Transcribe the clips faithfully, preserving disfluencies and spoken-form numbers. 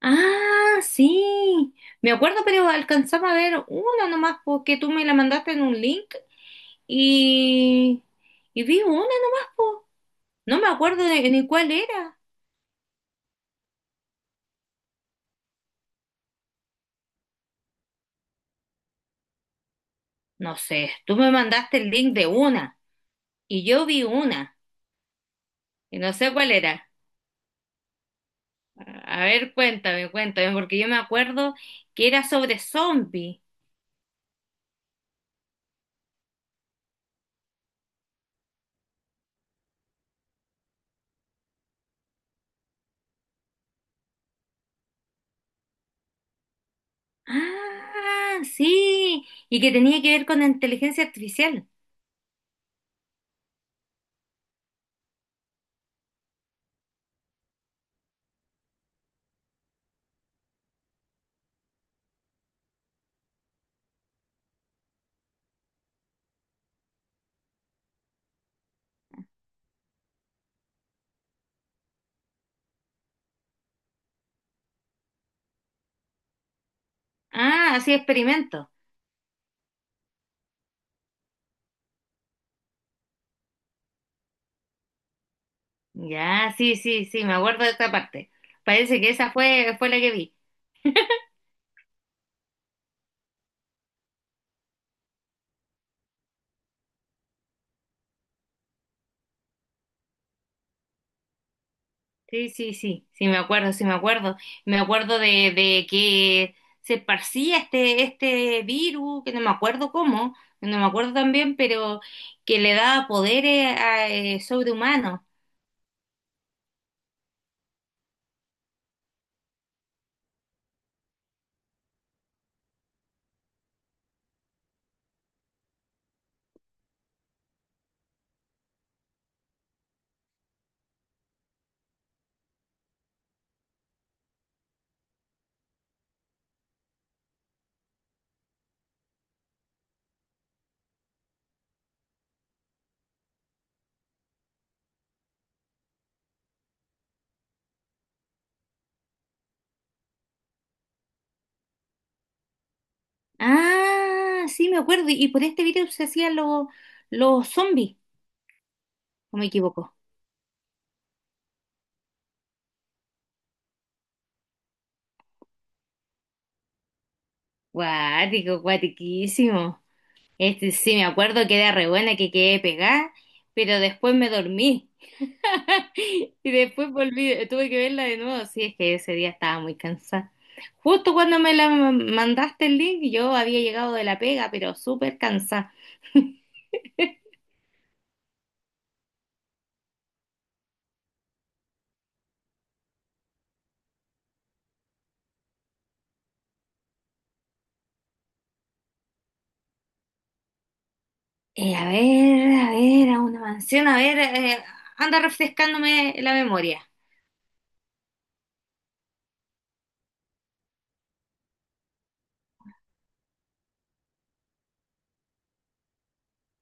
Ah, sí. Me acuerdo, pero alcanzaba a ver una nomás, porque tú me la mandaste en un link y, y vi una nomás, po. No me acuerdo de, ni cuál era. No sé, tú me mandaste el link de una y yo vi una y no sé cuál era. A ver, cuéntame, cuéntame, porque yo me acuerdo que era sobre zombies. Ah, sí, y que tenía que ver con la inteligencia artificial. Ah, así experimento. Ya, sí, sí, sí, me acuerdo de esta parte. Parece que esa fue, fue la que vi. Sí, sí, sí, sí, me acuerdo, sí, me acuerdo. Me acuerdo de, de que se esparcía este, este virus, que no me acuerdo cómo, no me acuerdo también, pero que le daba poderes a, eh, sobrehumanos. Ah, sí, me acuerdo. Y por este virus se hacían los, los zombies, ¿o me equivoco? Guático, guatiquísimo. Este, sí, me acuerdo que era re buena, que quedé pegada, pero después me dormí. Y después volví, tuve que verla de nuevo. Sí, es que ese día estaba muy cansada. Justo cuando me la ma- mandaste el link, yo había llegado de la pega, pero súper cansada. Eh, a ver, a ver, a una mansión, a ver, eh, anda refrescándome la memoria.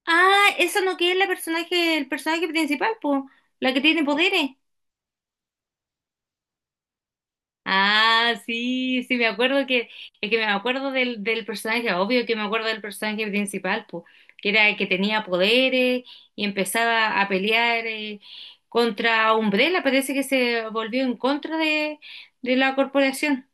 Ah, esa no que es la personaje, el personaje principal, pues, la que tiene poderes. Ah, sí, sí, me acuerdo que, es que me acuerdo del, del personaje, obvio que me acuerdo del personaje principal, pues, que era el que tenía poderes y empezaba a pelear eh, contra Umbrella, parece que se volvió en contra de, de la corporación.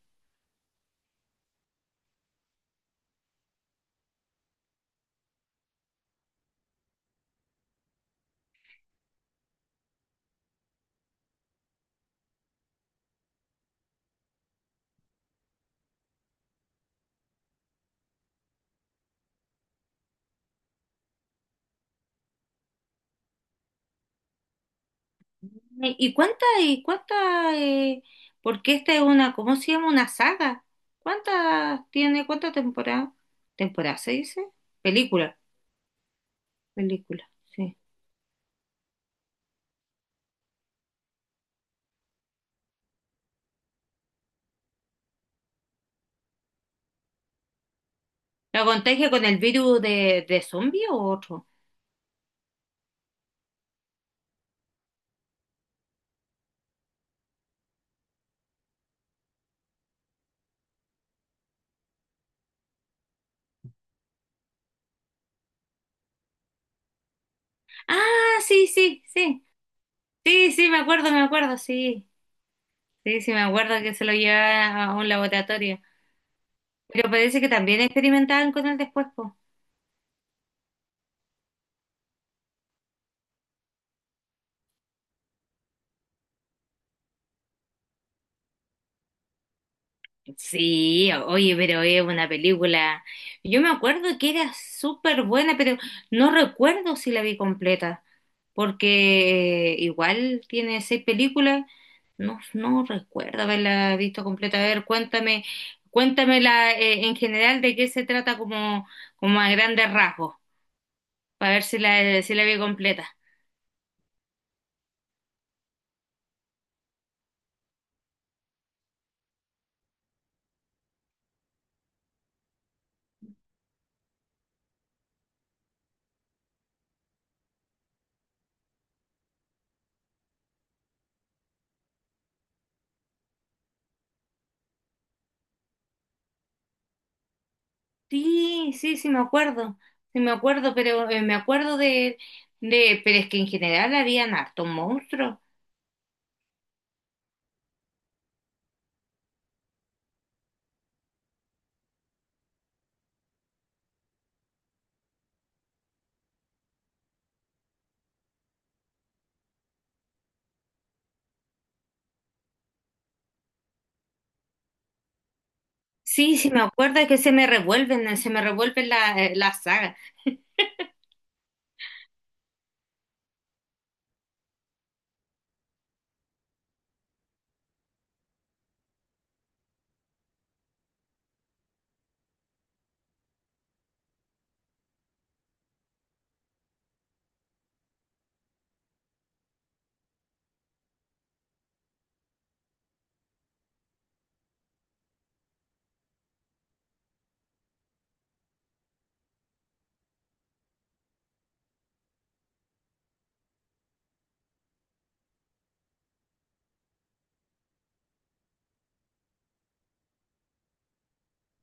Eh, ¿Y cuánta, y cuánta, eh, porque esta es una, ¿cómo se llama? Una saga. ¿Cuántas tiene, cuántas temporadas? ¿Temporada se dice? Película, película, sí. ¿Lo contagia con el virus de, de zombie o otro? Ah, sí, sí, sí. Sí, sí, me acuerdo, me acuerdo, sí. Sí, sí, me acuerdo que se lo llevaba a un laboratorio. Pero parece que también experimentaban con él después, po. Sí, oye, pero es una película. Yo me acuerdo que era súper buena, pero no recuerdo si la vi completa, porque igual tiene seis películas. No, no recuerdo haberla visto completa. A ver, cuéntame, cuéntamela eh, en general de qué se trata como, como a grandes rasgos, para ver si la, si la vi completa. Sí, sí, sí me acuerdo, sí me acuerdo, pero eh, me acuerdo de, de, pero es que en general habían hartos monstruos. Sí, sí, me acuerdo, es que se me revuelven, se me revuelven la- eh, las sagas.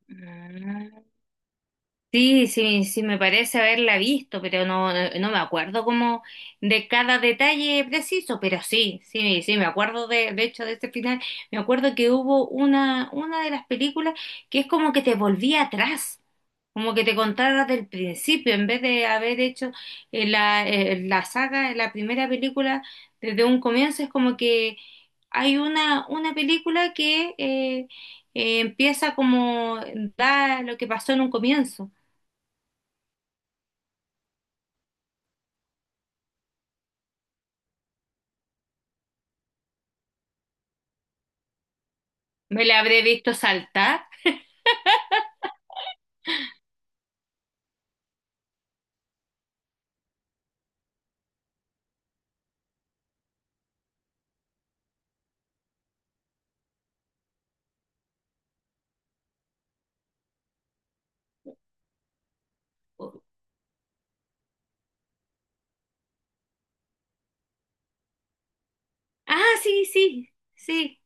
Ah. Sí, sí, sí, me parece haberla visto, pero no, no me acuerdo como de cada detalle preciso, pero sí, sí, sí, me acuerdo de, de hecho de este final, me acuerdo que hubo una, una de las películas que es como que te volvía atrás, como que te contara del principio, en vez de haber hecho eh, la, eh, la saga, la primera película desde un comienzo, es como que hay una, una película que eh, eh, empieza como da lo que pasó en un comienzo. Me la habré visto saltar. Oh, ah, sí, sí, sí.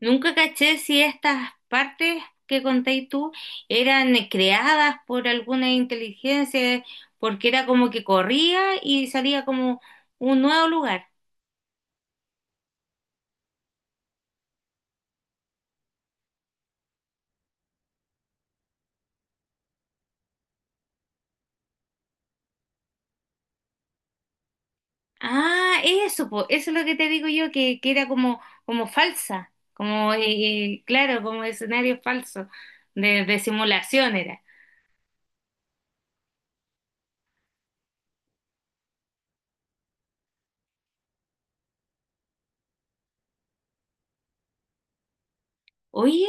Nunca caché si estas partes que contéis tú eran creadas por alguna inteligencia, porque era como que corría y salía como un nuevo lugar. Ah, eso, po, eso es lo que te digo yo, que, que era como, como falsa, como, eh, eh, claro, como escenario falso, de, de simulación era. Oye,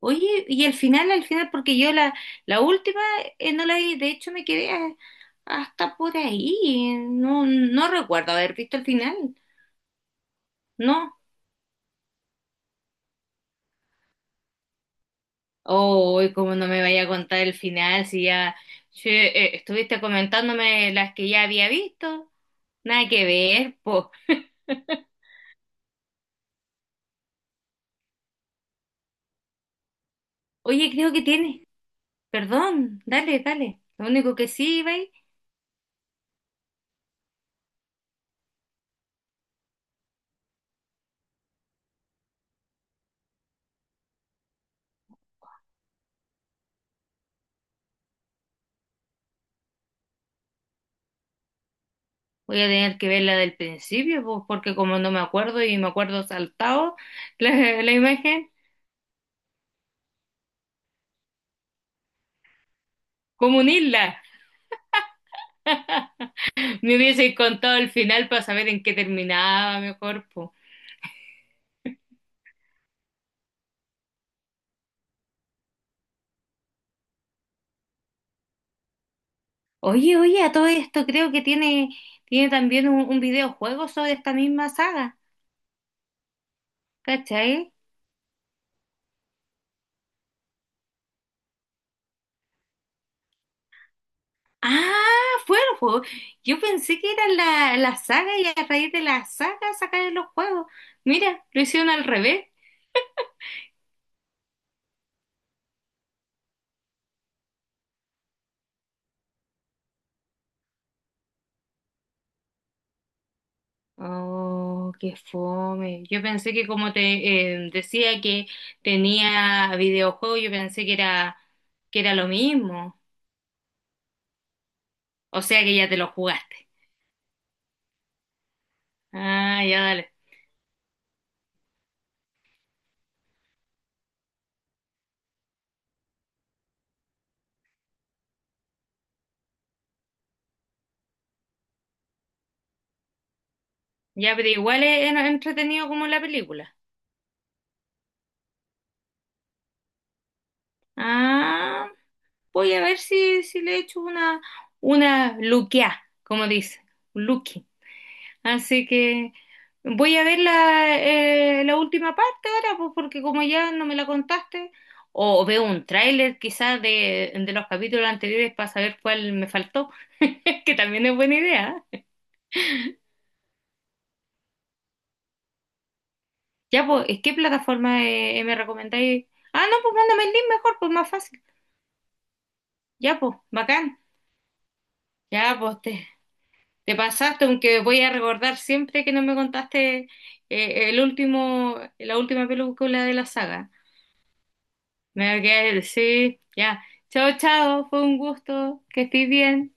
oye, y al final, al final, porque yo la, la última eh, no la vi, de hecho me quedé a- hasta por ahí, no, no recuerdo haber visto el final, no. Oh, como no me vaya a contar el final si ya che, eh, estuviste comentándome las que ya había visto, nada que ver, po. Oye, creo que tiene, perdón, dale, dale, lo único que sí, Ibai, voy a tener que ver la del principio, po, porque como no me acuerdo y me acuerdo saltado la la imagen. Como un isla. Me hubiese contado el final para saber en qué terminaba mejor, po. Oye, oye, a todo esto creo que tiene, tiene también un, un videojuego sobre esta misma saga, ¿cachai? Ah, fue el juego. Yo pensé que era la, la saga y a raíz de la saga sacaron los juegos. Mira, lo hicieron al revés. Oh, qué fome. Yo pensé que como te eh, decía que tenía videojuego, yo pensé que era, que era lo mismo. O sea que ya te lo jugaste. Ah, ya dale. Ya, pero igual es es entretenido como la película. Ah, voy a ver si, si le echo una, una luqueá, como dice, luqui. Así que voy a ver la, eh, la última parte ahora, pues porque como ya no me la contaste, o veo un tráiler quizás de, de los capítulos anteriores para saber cuál me faltó, que también es buena idea. ¿Eh? Ya, pues, ¿y ¿qué plataforma eh, me recomendáis? Ah, no, pues mándame el link mejor, pues más fácil. Ya, pues, bacán. Ya, pues, te, te pasaste, aunque voy a recordar siempre que no me contaste eh, el último, la última película de la saga. Me voy a quedar, sí, ya. Chao, chao, fue un gusto, que estés bien.